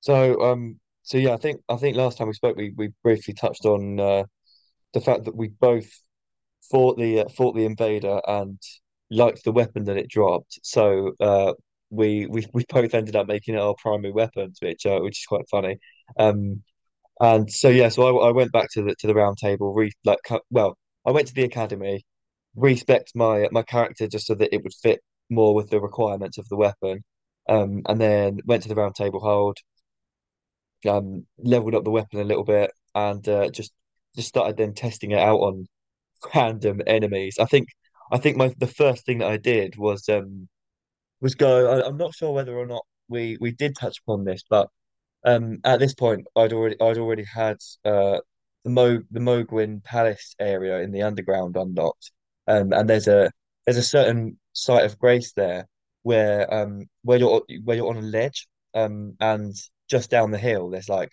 So yeah, I think last time we spoke, we briefly touched on the fact that we both fought the invader and liked the weapon that it dropped. So, we we both ended up making it our primary weapons, which is quite funny. Um, and so yeah, so I went back to the round table, re like cu- well, I went to the academy, respect my character just so that it would fit more with the requirements of the weapon. And then went to the round table hold, leveled up the weapon a little bit, and just started then testing it out on random enemies. I think my the first thing that I did was was go. I'm not sure whether or not we did touch upon this, but at this point, I'd already had uh, the Mo the Mogwin Palace area in the underground unlocked, and there's a certain site of grace there where you're on a ledge and just down the hill there's like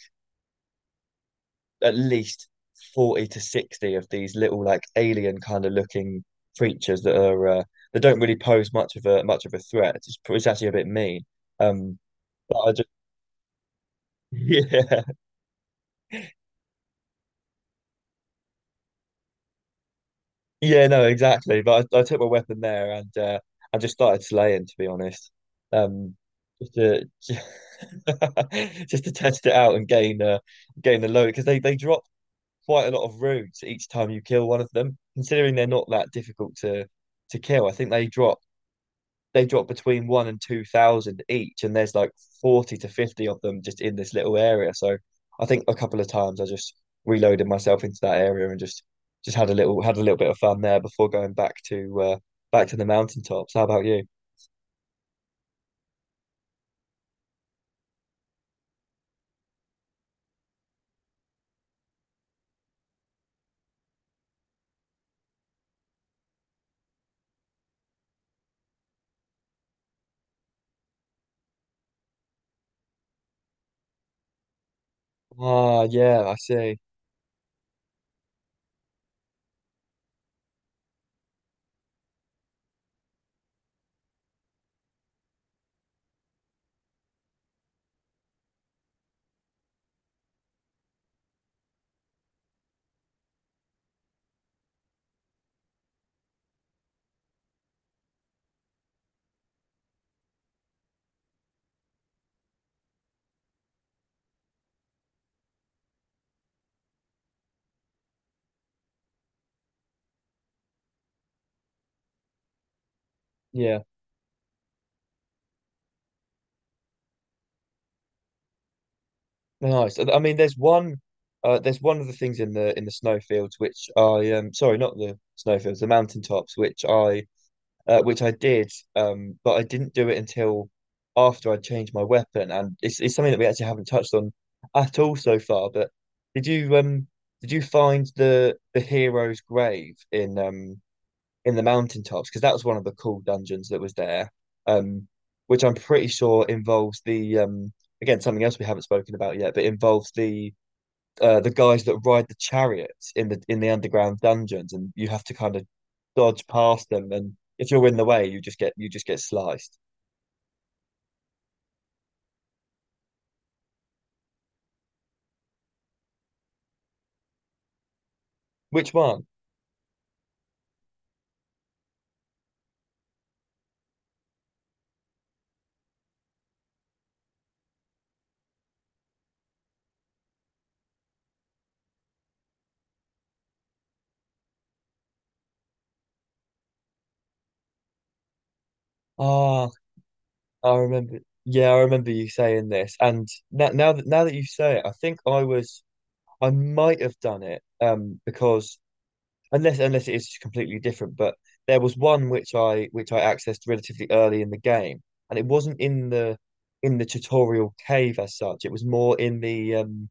at least 40 to 60 of these little like alien kind of looking creatures that don't really pose much of a threat. It's actually a bit mean. Um, but I just. Yeah, yeah, no, exactly. But I took my weapon there and I just started slaying to be honest. Um, just to Just to test it out and gain the load, because they drop quite a lot of roots each time you kill one of them. Considering they're not that difficult to kill, I think they drop between one and two thousand each, and there's like 40 to 50 of them just in this little area. So I think a couple of times I just reloaded myself into that area and just had a little bit of fun there before going back to the mountaintops. How about you? Ah, yeah, I see. Yeah, nice. I mean, there's one of the things in the snowfields which I, sorry, not the snowfields, the mountaintops, which I did, But I didn't do it until after I changed my weapon, and it's something that we actually haven't touched on at all so far. But did you um did you find the hero's grave in the mountaintops? Because that was one of the cool dungeons that was there, um, which I'm pretty sure involves the, again, something else we haven't spoken about yet, but involves the guys that ride the chariots in the underground dungeons, and you have to kind of dodge past them. And if you're in the way, you just get sliced. Which one? Ah, I remember. Yeah, I remember you saying this. And now that you say it, I think I might have done it. Because unless it is completely different, but there was one which I accessed relatively early in the game, and it wasn't in the tutorial cave as such. It was more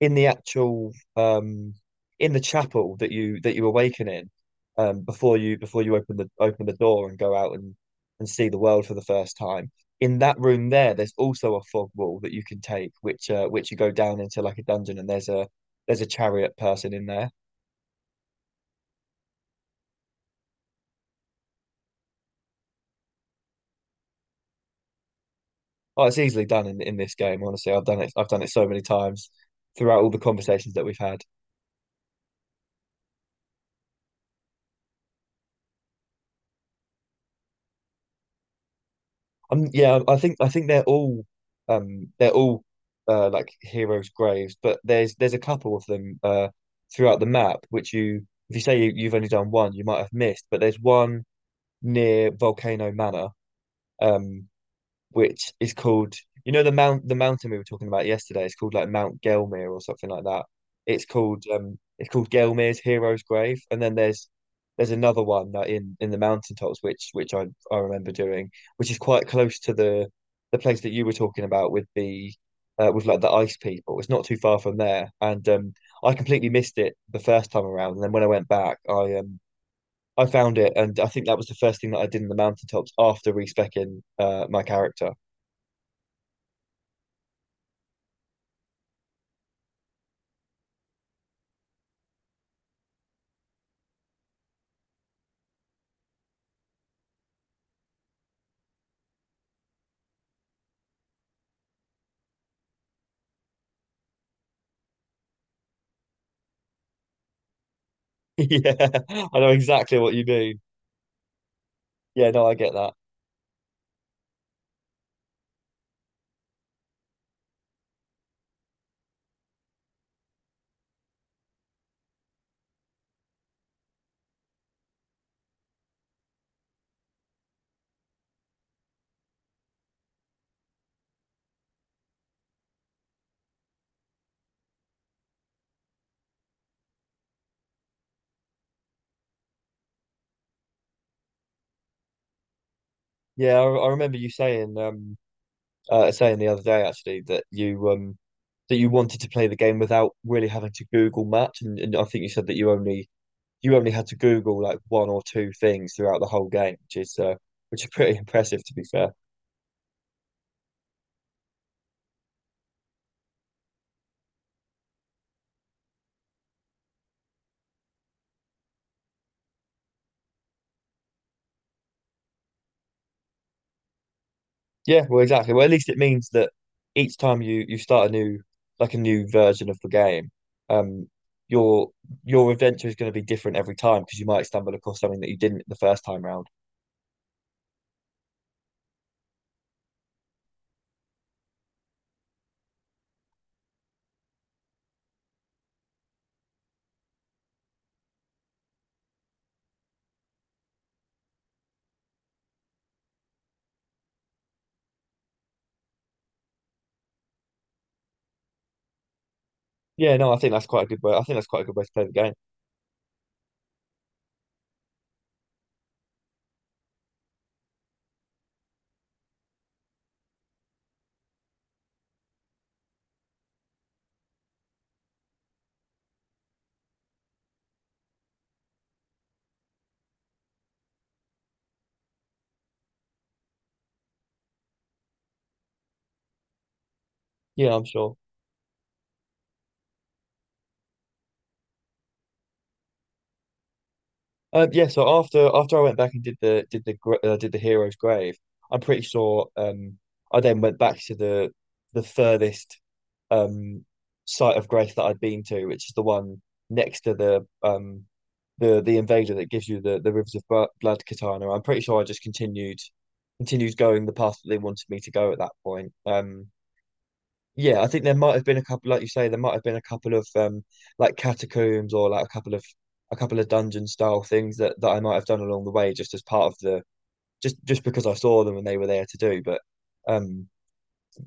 in the actual um in the chapel that you awaken in, before you open the door and go out and see the world for the first time. In that room there's also a fog wall that you can take, which you go down into like a dungeon, and there's a chariot person in there. Oh, it's easily done in this game, honestly. I've done it so many times throughout all the conversations that we've had. Yeah, I think they're all like heroes' graves, but there's a couple of them throughout the map, which, you if you say you've only done one, you might have missed, but there's one near Volcano Manor. Um which is called, the mountain we were talking about yesterday. It's called like Mount Gelmir or something like that. It's called Gelmir's Hero's Grave. And then there's another one, like, in the mountaintops, which I remember doing, which is quite close to the place that you were talking about, with, like, the ice people. It's not too far from there, and I completely missed it the first time around. And then when I went back, I found it, and I think that was the first thing that I did in the mountaintops after respecing my character. Yeah, I know exactly what you mean. Yeah, no, I get that. Yeah, I remember you saying the other day actually that you wanted to play the game without really having to Google much, and I think you said that you only had to Google like one or two things throughout the whole game, which is pretty impressive to be fair. Yeah, well, exactly. Well, at least it means that each time you start a new version of the game, um, your your adventure is going to be different every time, because you might stumble across something that you didn't the first time round. Yeah, no, I think that's quite a good way. I think that's quite a good way to play the game. Yeah, I'm sure. Yeah, so after I went back and did the hero's grave, I'm pretty sure I then went back to the furthest um site of grace that I'd been to, which is the one next to the invader that gives you the Rivers of Blood katana. I'm pretty sure I just continued going the path that they wanted me to go at that point. Yeah, I think there might have been a couple, like you say, there might have been a couple of like catacombs or like a couple of dungeon style things that I might have done along the way, just as part of the, just because I saw them and they were there to do. But um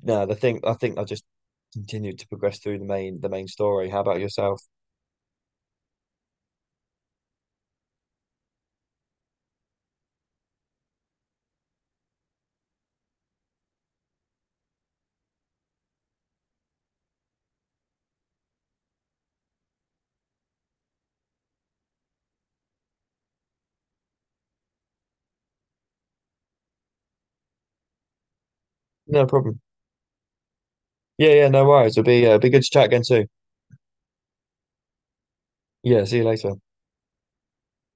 no, the thing I think I just continued to progress through the main story. How about yourself? No problem. Yeah, yeah, no worries. It'll be be good to chat again too. Yeah, see you later.